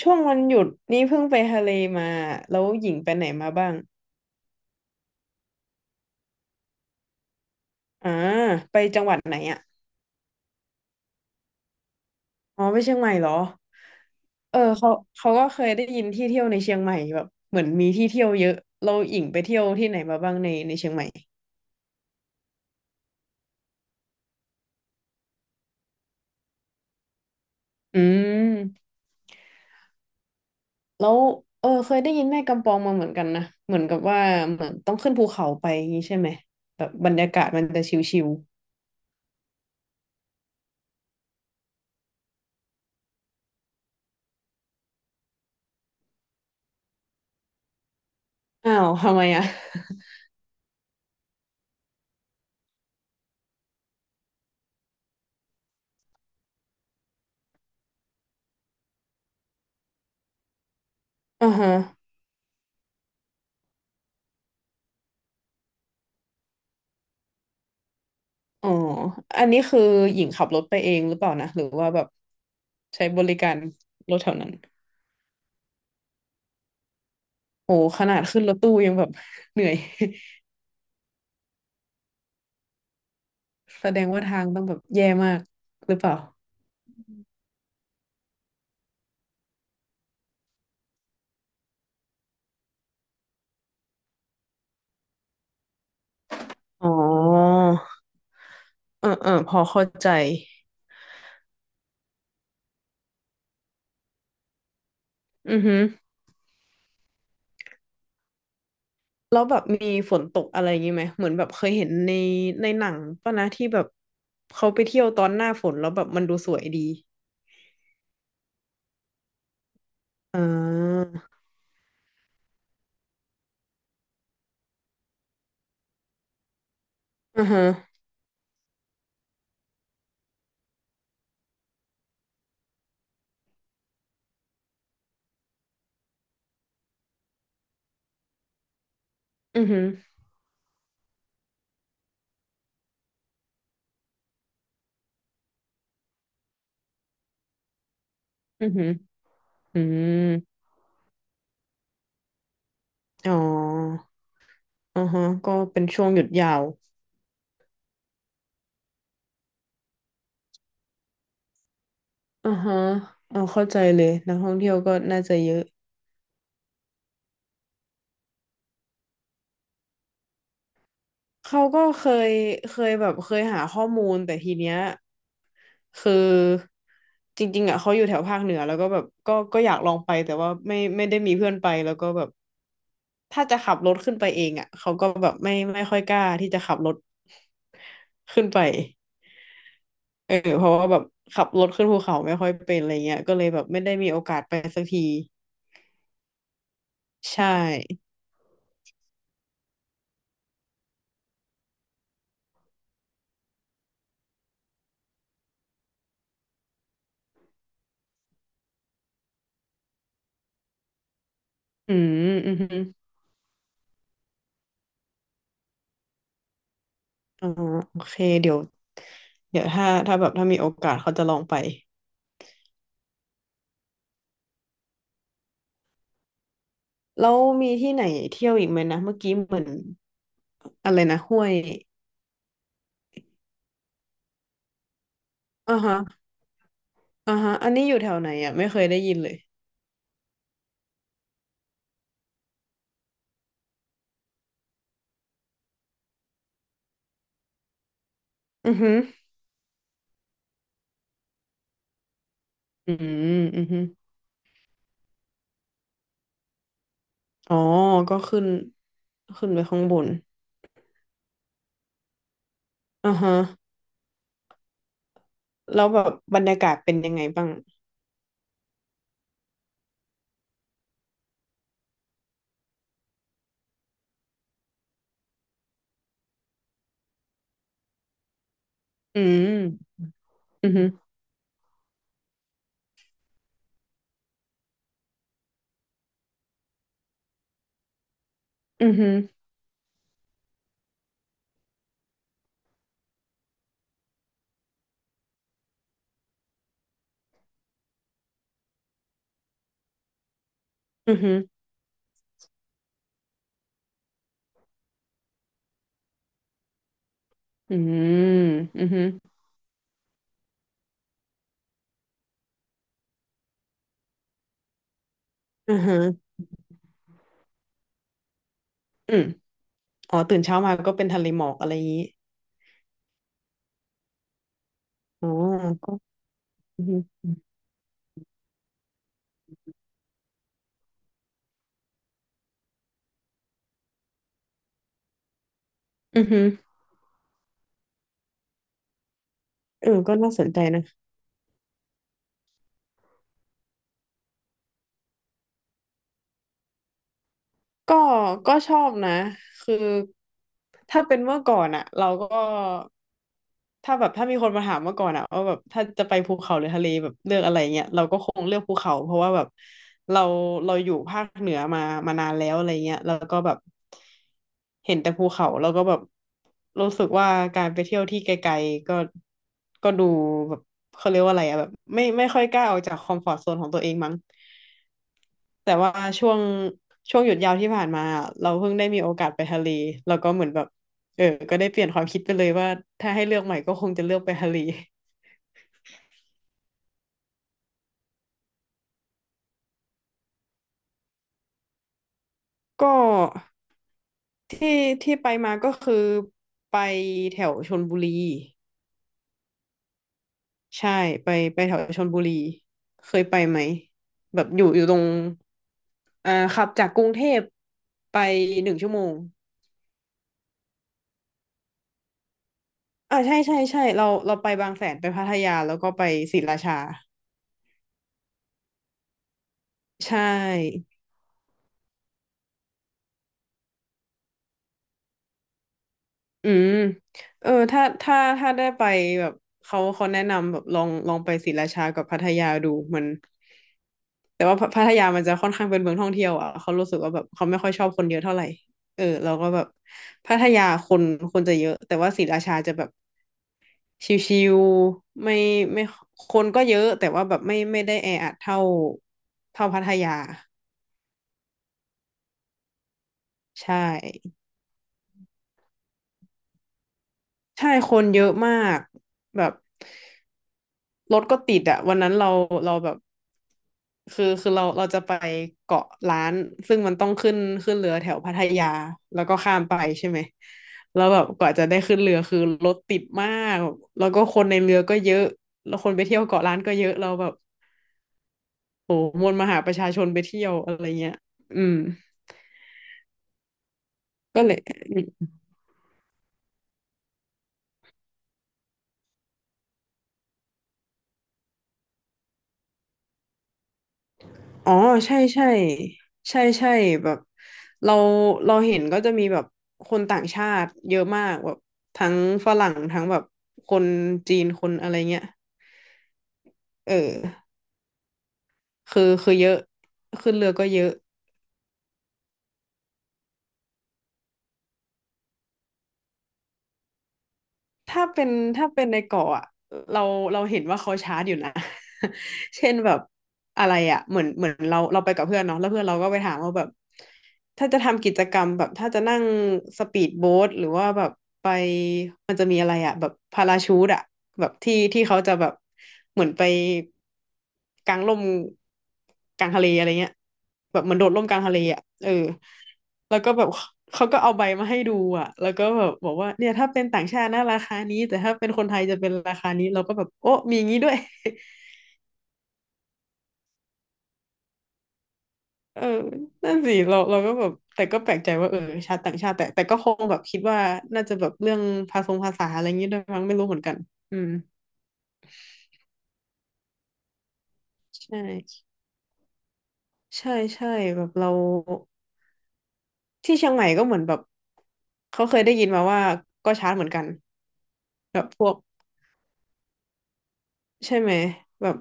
ช่วงวันหยุดนี่เพิ่งไปทะเลมาแล้วหญิงไปไหนมาบ้างอ่าไปจังหวัดไหนอ่ะอ๋อไปเชียงใหม่เหรอเออเขาก็เคยได้ยินที่เที่ยวในเชียงใหม่แบบเหมือนมีที่เที่ยวเยอะเราหญิงไปเที่ยวที่ไหนมาบ้างในเชียงใหม่อืมแล้วเออเคยได้ยินแม่กำปองมาเหมือนกันนะเหมือนกับว่าเหมือนต้องขึ้นภูเขาไปอย่างนี้ใช่ไหมแบบบรรยากาศมันจะชิวๆอ้าวทำไมอ่ะอ่าฮะ อ๋ออันนี้คือหญิงขับรถไปเองหรือเปล่านะหรือว่าแบบใช้บริการรถแถวนั้นโอ้ขนาดขึ้นรถตู้ยังแบบ เหนื่อย แสดงว่าทางต้องแบบแย่มากหรือเปล่าอ๋อเออพอเข้าใจอือฮึแล้วแบบมีฝนตกอะไรอย่างนี้ไหมเหมือนแบบเคยเห็นในหนังป่ะนะที่แบบเขาไปเที่ยวตอนหน้าฝนแล้วแบบมันดูสวยดีอ่าอือฮึอือฮึอือฮึอืมอ๋อ อ่าฮะ ก็เป็นช่วงหยุดยาวอ่าฮะเอาเข้าใจเลยนักท่องเที่ยวก็น่าจะเยอะเขาก็เคยแบบเคยหาข้อมูลแต่ทีเนี้ยคือจริงๆอ่ะเขาอยู่แถวภาคเหนือแล้วก็แบบก็อยากลองไปแต่ว่าไม่ได้มีเพื่อนไปแล้วก็แบบถ้าจะขับรถขึ้นไปเองอ่ะเขาก็แบบไม่ค่อยกล้าที่จะขับรถขึ้นไปเออเพราะว่าแบบขับรถขึ้นภูเขาไม่ค่อยเป็นอะไรเงี้ยก็เลยแบบไม่ได้มีโอกาสไปสักทีใช่อืมอืม อ๋อโอเคเดี๋ยวถ้าแบบถ้ามีโอกาสเขาจะลองไปแล้วมีที่ไหนเที่ยวอีกไหมนะเมื่อกี้เหมือนอะไรนะห้วยอ่าฮะอ่าฮะอันนี้อยู่แถวไหนอ่ะไม่เคยได้ยินเลยอือหือืมอือหือ๋อก็ขึ้นไปข้างบนอ่าฮะแล้วแบบบรรยากาศเป็นยังไงบ้างอืมอือหือือหือือหือืมอือหอือหออืมอ๋อตื่นเช้ามาก็เป็นทะเลหมอกอะไรอย่างนี้อ๋อ อือฮึอือฮึเออก็น่าสนใจนะ ก็ก็ชอบนะคือถ้าเป็นเมื่อก่อนอะเราก็ถ้าแบบถ้ามีคนมาถามเมื่อก่อนอะว่าแบบถ้าจะไปภูเขาหรือทะเลแบบเลือกอะไรเงี้ยเราก็คงเลือกภูเขาเพราะว่าแบบเราเราอยู่ภาคเหนือมามานานแล้วอะไรเงี้ยแล้วก็แบบเห็นแต่ภูเขาแล้วก็แบบรู้สึกว่าการไปเที่ยวที่ไกลๆก็ดูแบบเขาเรียกว่าอะไรอะแบบไม่ค่อยกล้าออกจากคอมฟอร์ตโซนของตัวเองมั้ง แต่ว่าช่วงช่วงหยุดยาวที่ผ่านมาอะเราเพิ่งได้มีโอกาสไปทะเลแล้วก็เหมือนแบบเออก็ได้เปลี่ยนความคิดไปเลยว่าถ้าให้เลือกใหม่ก็คงจะเลือกไปทะเลก็ที่ที่ไปมาก็คือไปแถวชลบุรีใช่ไปไปแถวชลบุรีเคยไปไหมแบบอยู่ตรงอ่าขับจากกรุงเทพไป1 ชั่วโมงอ่าใช่ใช่ใช่เราไปบางแสนไปพัทยาแล้วก็ไปศรีราชาใช่ อืมเออถ้าได้ไปแบบเขาแนะนำแบบลองไปศรีราชากับพัทยาดูมันแต่ว่าพัทยามันจะค่อนข้างเป็นเมืองท่องเที่ยวอ่ะเขารู้สึกว่าแบบเขาไม่ค่อยชอบคนเยอะเท่าไหร่เออเราก็แบบพัทยาคนจะเยอะแต่ว่าศรีราชาจะแบบชิวๆไม่คนก็เยอะแต่ว่าแบบไม่ได้แออัดเท่าพัทยาใช่ใช่คนเยอะมากแบบรถก็ติดอะวันนั้นเราแบบ คือเราจะไปเกาะล้านซึ่งมันต้องขึ้นเรือแถวพัทยาแล้วก็ข้ามไปใช่ไหมแล้วแบบกว่าจะได้ขึ้นเรือคือรถติดมากแล้วก็คนในเรือก็เยอะแล้วคนไปเที่ยวเกาะล้านก็เยอะเราแบบโหมวลมหาประชาชนไปเที่ยวอะไรเงี้ยอืมก็เลยอ๋อใช่ใช่ใช่ใช่แบบเราเราเห็นก็จะมีแบบคนต่างชาติเยอะมากแบบทั้งฝรั่งทั้งแบบคนจีนคนอะไรเงี้ยเออ คือเยอะขึ้นเรือก็เยอะถ้าเป็นถ้าเป็นในเกาะอะเราเราเห็นว่าเขาชาร์จอยู่นะ เช่นแบบอะไรอ่ะเหมือนเราไปกับเพื่อนเนาะแล้วเพื่อนเราก็ไปถามว่าแบบถ้าจะทำกิจกรรมแบบถ้าจะนั่งสปีดโบ๊ทหรือว่าแบบไปมันจะมีอะไรอ่ะแบบพาราชูทอ่ะแบบที่ที่เขาจะแบบเหมือนไป กลางร่มกลางทะเลอะไรเงี้ยแบบเหมือนโดดร่มกลางทะเลอ่ะเออแล้วก็แบบเขาก็เอาใบมาให้ดูอ่ะแล้วก็แบบบอกว่าเนี่ยถ้าเป็นต่างชาตินะราคานี้แต่ถ้าเป็นคนไทยจะเป็นราคานี้เราก็แบบโอ้มีอย่างนี้ด้วย เออนั่นสิเราก็แบบแต่ก็แปลกใจว่าเออชาติต่างชาติแต่แต่ก็คงแบบคิดว่าน่าจะแบบเรื่องภาษงภาษาอะไรอย่างนี้ด้วยมั้งไม่รู้เหมือนกันอืมใช่ใช่ใช่แบบเรา ที่เชียงใหม่ก็เหมือนแบบเขาเคยได้ยินมาว่าก็ชาร์จเหมือนกันแบบพวกใช่ไหมแบบ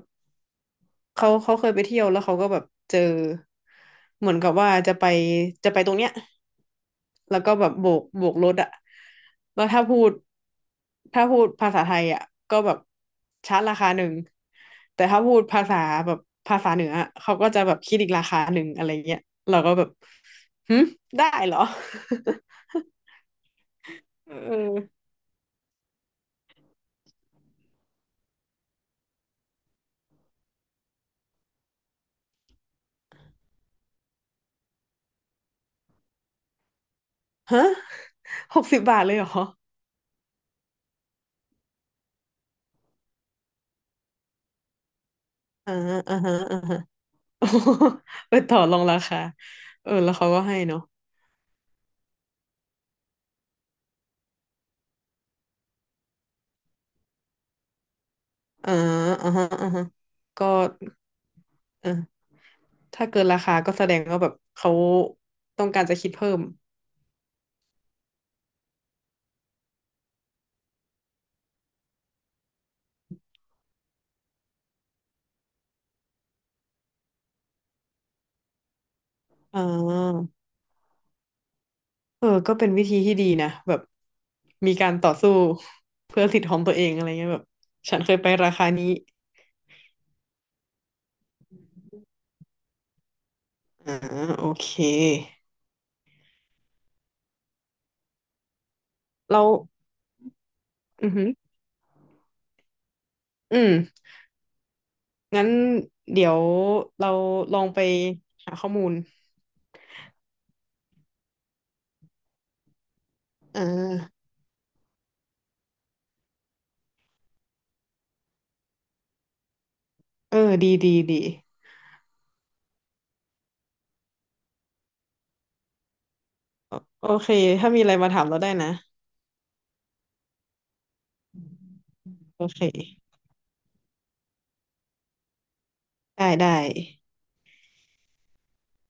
เขาเคยไปเที่ยวแล้วเขาก็แบบเจอเหมือนกับว่าจะไปตรงเนี้ยแล้วก็แบบโบกรถอะแล้วถ้าพูดภาษาไทยอะก็แบบชาร์จราคาหนึ่งแต่ถ้าพูดภาษาแบบภาษาเหนือเขาก็จะแบบคิดอีกราคาหนึ่งอะไรเงี้ยเราก็แบบหึได้เหรอ เออฮะ 60 บาทเลยเหรออ่าอ่าฮะอ่าฮะ โอ้โหไปต่อรองราคา เออ แล้วเขาก็ให้เนาะอ่าอ่าฮะอ่าฮะก็เออถ้าเกินราคาก็แสดงว่าแบบเขาต้องการจะคิดเพิ่มอ่าเออ ก็เป็นวิธีที่ดีนะแบบมีการต่อสู้ เพื่อสิทธิ์ของตัวเองอะไรเงี้ยแบบฉันเคยไปราคานี้อ่าโอเค เรา อือหืออืมงั้นเดี๋ยวเราลองไปหาข้อมูลเออ เออ ดีดีดีโอโอเค ถ้ามีอะไรมาถามเราได้นะ โอเค ได้ได้